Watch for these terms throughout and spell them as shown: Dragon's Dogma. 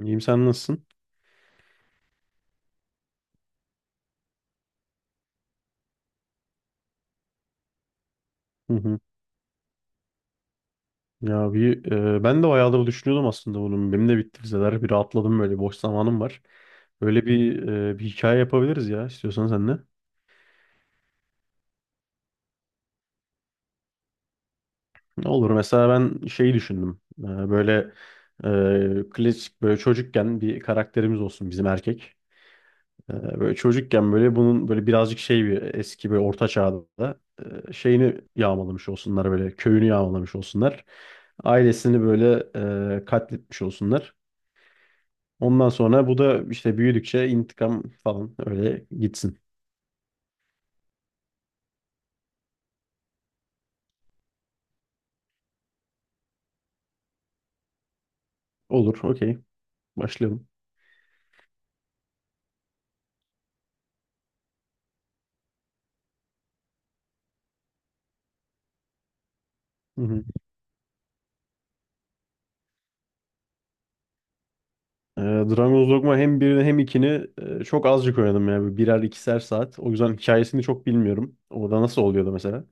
İyiyim, sen nasılsın? Hı hı. Ya ben de bayağıdır düşünüyordum aslında bunun, benim de bitti vizeler. Bir rahatladım, böyle boş zamanım var. Böyle bir hikaye yapabiliriz ya, istiyorsan sen de. Olur, mesela ben şeyi düşündüm. Böyle klasik, böyle çocukken bir karakterimiz olsun bizim, erkek. E, Böyle çocukken böyle bunun böyle birazcık şey, bir eski böyle orta çağda şeyini yağmalamış olsunlar, böyle köyünü yağmalamış olsunlar. Ailesini böyle katletmiş olsunlar. Ondan sonra bu da işte büyüdükçe intikam falan öyle gitsin. Olur, okey. Başlayalım. Hı hı. Dragon's Dogma, hem birini hem ikini çok azıcık oynadım yani. Birer ikişer saat. O yüzden hikayesini çok bilmiyorum. Orada nasıl oluyordu mesela?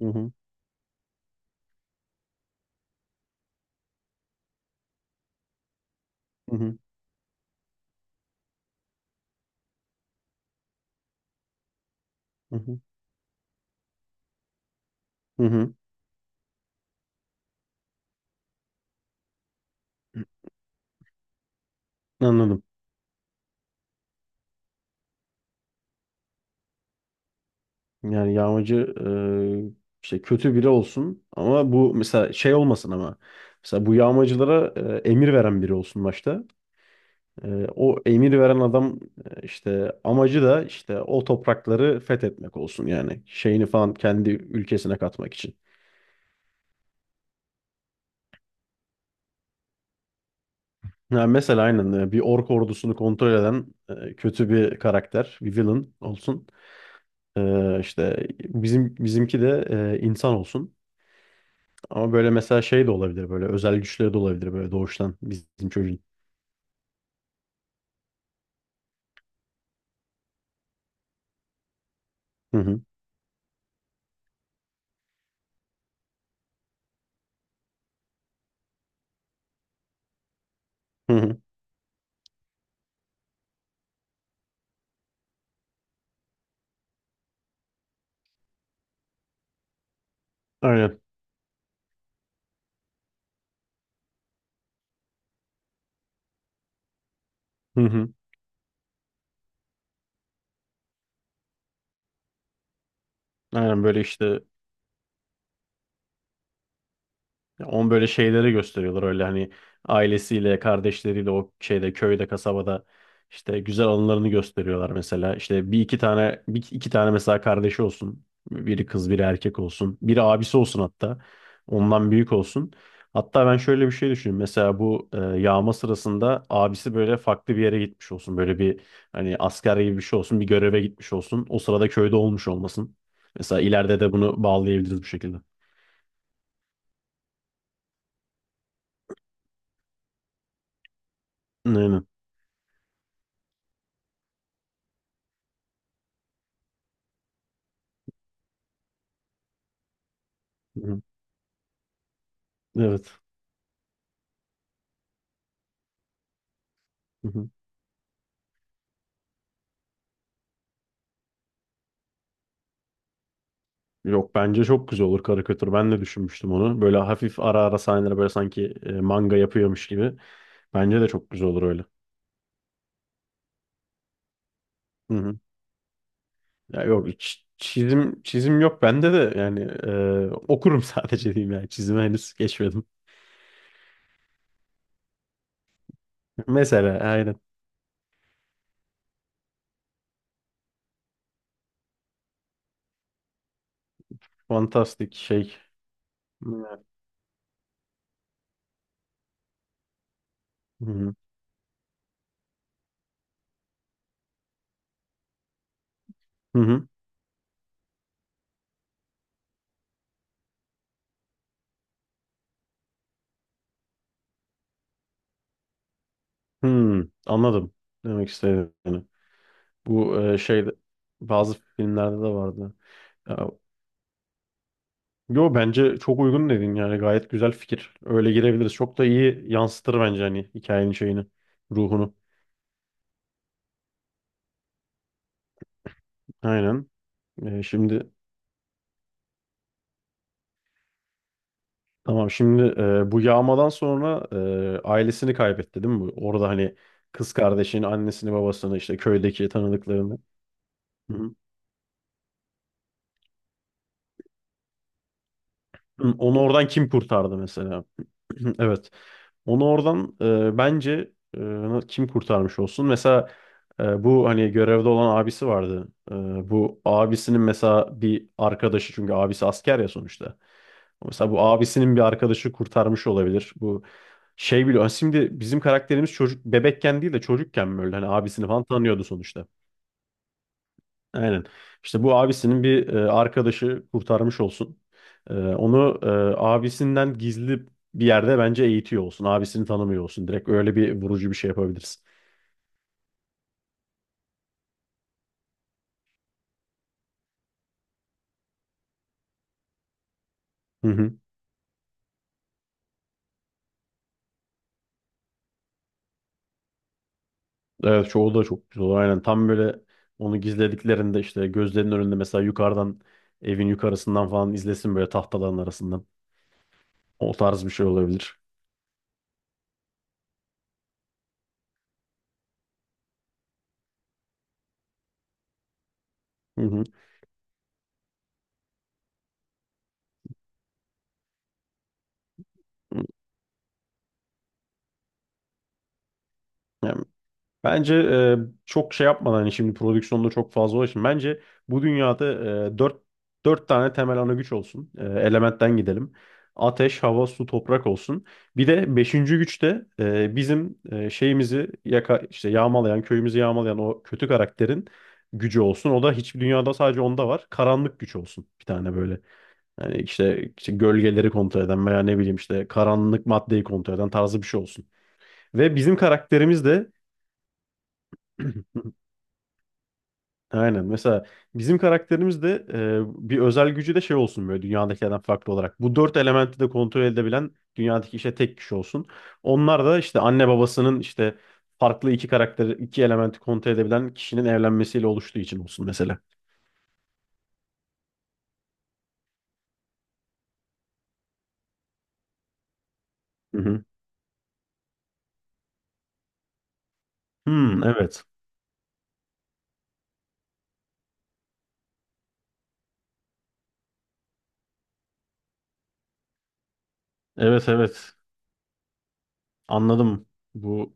Hı hı. Hı hı. Hı hı. Hı hı. Anladım. Yani yağmacı işte kötü biri olsun, ama bu mesela şey olmasın ama. Mesela bu yağmacılara emir veren biri olsun başta. O emir veren adam, işte amacı da işte o toprakları fethetmek olsun, yani şeyini falan kendi ülkesine katmak için. Yani mesela aynen, bir ork ordusunu kontrol eden kötü bir karakter, bir villain olsun. İşte bizimki de insan olsun. Ama böyle mesela şey de olabilir, böyle özel güçleri de olabilir, böyle doğuştan bizim çocuğun. Hı hı. Hı hı. Aynen. Hı hı. Aynen, böyle işte on, böyle şeyleri gösteriyorlar öyle, hani ailesiyle, kardeşleriyle o şeyde köyde, kasabada işte güzel anılarını gösteriyorlar mesela. İşte bir iki tane mesela kardeşi olsun. Biri kız, biri erkek olsun. Biri abisi olsun hatta. Ondan büyük olsun. Hatta ben şöyle bir şey düşünüyorum. Mesela bu yağma sırasında abisi böyle farklı bir yere gitmiş olsun. Böyle bir, hani asker gibi bir şey olsun. Bir göreve gitmiş olsun. O sırada köyde olmuş olmasın. Mesela ileride de bunu bağlayabiliriz bu şekilde. Aynen. Hı. Evet. Hı hı. Yok, bence çok güzel olur karikatür. Ben de düşünmüştüm onu. Böyle hafif ara ara sahneler, böyle sanki manga yapıyormuş gibi. Bence de çok güzel olur öyle. Hı hı. Ya yok, hiç çizim yok bende de, yani okurum sadece diyeyim, yani çizime henüz geçmedim. Mesela aynen, fantastik şey. Hmm. Hı hı. Hı hı. Hı. Anladım demek istediğini. Bu şeyde, bazı filmlerde de vardı. Yo, bence çok uygun dedin, yani gayet güzel fikir. Öyle girebiliriz. Çok da iyi yansıtır bence, hani hikayenin şeyini, ruhunu. Aynen. Şimdi tamam, şimdi bu yağmadan sonra ailesini kaybetti değil mi bu? Orada hani kız kardeşini, annesini, babasını, işte köydeki tanıdıklarını. Hı hı. Hı, onu oradan kim kurtardı mesela? Evet. Onu oradan bence kim kurtarmış olsun? Mesela bu hani görevde olan abisi vardı. Bu abisinin mesela bir arkadaşı, çünkü abisi asker ya sonuçta. Mesela bu abisinin bir arkadaşı kurtarmış olabilir. Bu şey biliyor. Şimdi bizim karakterimiz çocuk, bebekken değil de çocukken böyle, hani abisini falan tanıyordu sonuçta. Aynen. İşte bu abisinin bir arkadaşı kurtarmış olsun. Onu abisinden gizli bir yerde bence eğitiyor olsun. Abisini tanımıyor olsun. Direkt öyle bir vurucu bir şey yapabiliriz. Hı hı. Evet, çoğu da çok güzel olur. Aynen, tam böyle onu gizlediklerinde işte gözlerinin önünde mesela yukarıdan, evin yukarısından falan izlesin, böyle tahtaların arasından. O tarz bir şey olabilir. Hı hı. Yani bence çok şey yapmadan, hani şimdi prodüksiyonda çok fazla ulaşın. Bence bu dünyada e, dört, dört tane temel ana güç olsun. E, elementten gidelim. Ateş, hava, su, toprak olsun. Bir de beşinci güç de bizim şeyimizi yaka, işte yağmalayan, köyümüzü yağmalayan o kötü karakterin gücü olsun. O da hiçbir dünyada, sadece onda var. Karanlık güç olsun, bir tane böyle. Yani işte gölgeleri kontrol eden veya ne bileyim işte karanlık maddeyi kontrol eden tarzı bir şey olsun. Ve bizim karakterimiz de aynen. Mesela bizim karakterimiz de bir özel gücü de şey olsun, böyle dünyadakilerden farklı olarak. Bu dört elementi de kontrol edebilen, dünyadaki işte tek kişi olsun. Onlar da işte anne babasının işte farklı iki karakteri, iki elementi kontrol edebilen kişinin evlenmesiyle oluştuğu için olsun mesela. Hı hı. Hmm, evet. Evet evet. Anladım. Bu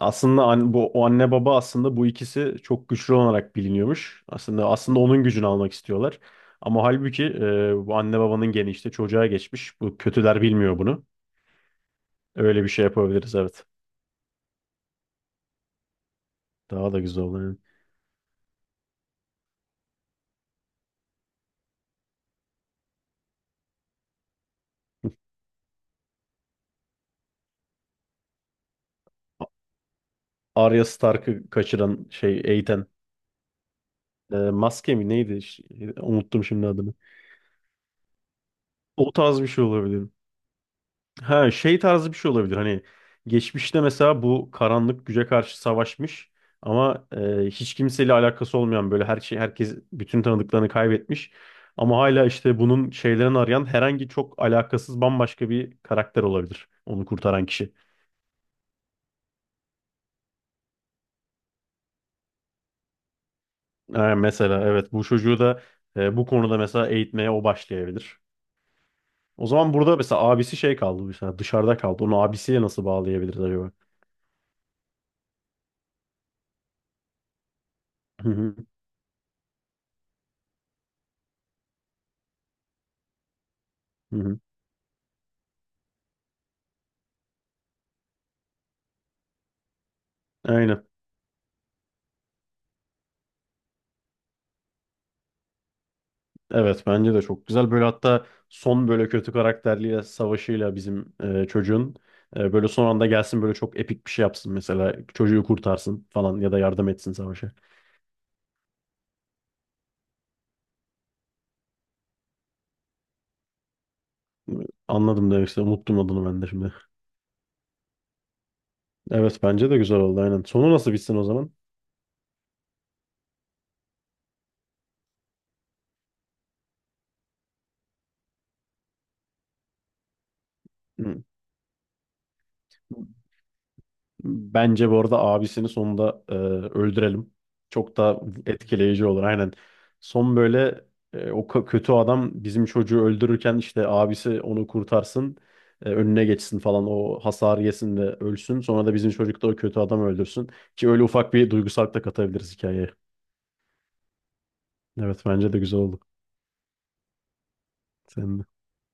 aslında an-, bu o anne baba aslında, bu ikisi çok güçlü olarak biliniyormuş. Aslında onun gücünü almak istiyorlar. Ama halbuki bu anne babanın geni işte çocuğa geçmiş. Bu kötüler bilmiyor bunu. Öyle bir şey yapabiliriz, evet. Daha da güzel olur yani. Arya Stark'ı kaçıran şey, Eiten. Maske mi neydi? Ş-, unuttum şimdi adını. O tarz bir şey olabilir. Ha şey tarzı bir şey olabilir. Hani geçmişte mesela bu karanlık güce karşı savaşmış, ama hiç kimseyle alakası olmayan, böyle her şey, herkes, bütün tanıdıklarını kaybetmiş. Ama hala işte bunun şeylerini arayan, herhangi çok alakasız bambaşka bir karakter olabilir. Onu kurtaran kişi. Ha, mesela evet, bu çocuğu da bu konuda mesela eğitmeye o başlayabilir. O zaman burada mesela abisi şey kaldı, mesela dışarıda kaldı. Onu abisiyle nasıl bağlayabiliriz acaba? Hı hı, hı hı. Aynen. Evet, bence de çok güzel. Böyle hatta son böyle kötü karakterliyle savaşıyla bizim çocuğun böyle son anda gelsin, böyle çok epik bir şey yapsın mesela. Çocuğu kurtarsın falan ya da yardım etsin savaşa. Anladım demek istedim. Unuttum adını ben de şimdi. Evet, bence de güzel oldu, aynen. Sonu nasıl bitsin o zaman? Hı. Bence bu arada abisini sonunda öldürelim. Çok da etkileyici olur, aynen. Son böyle o k-, kötü adam bizim çocuğu öldürürken işte abisi onu kurtarsın. Önüne geçsin falan, o hasar yesin ve ölsün. Sonra da bizim çocuk da o kötü adamı öldürsün. Ki öyle ufak bir duygusallık da katabiliriz hikayeye. Evet, bence de güzel oldu. Senin de.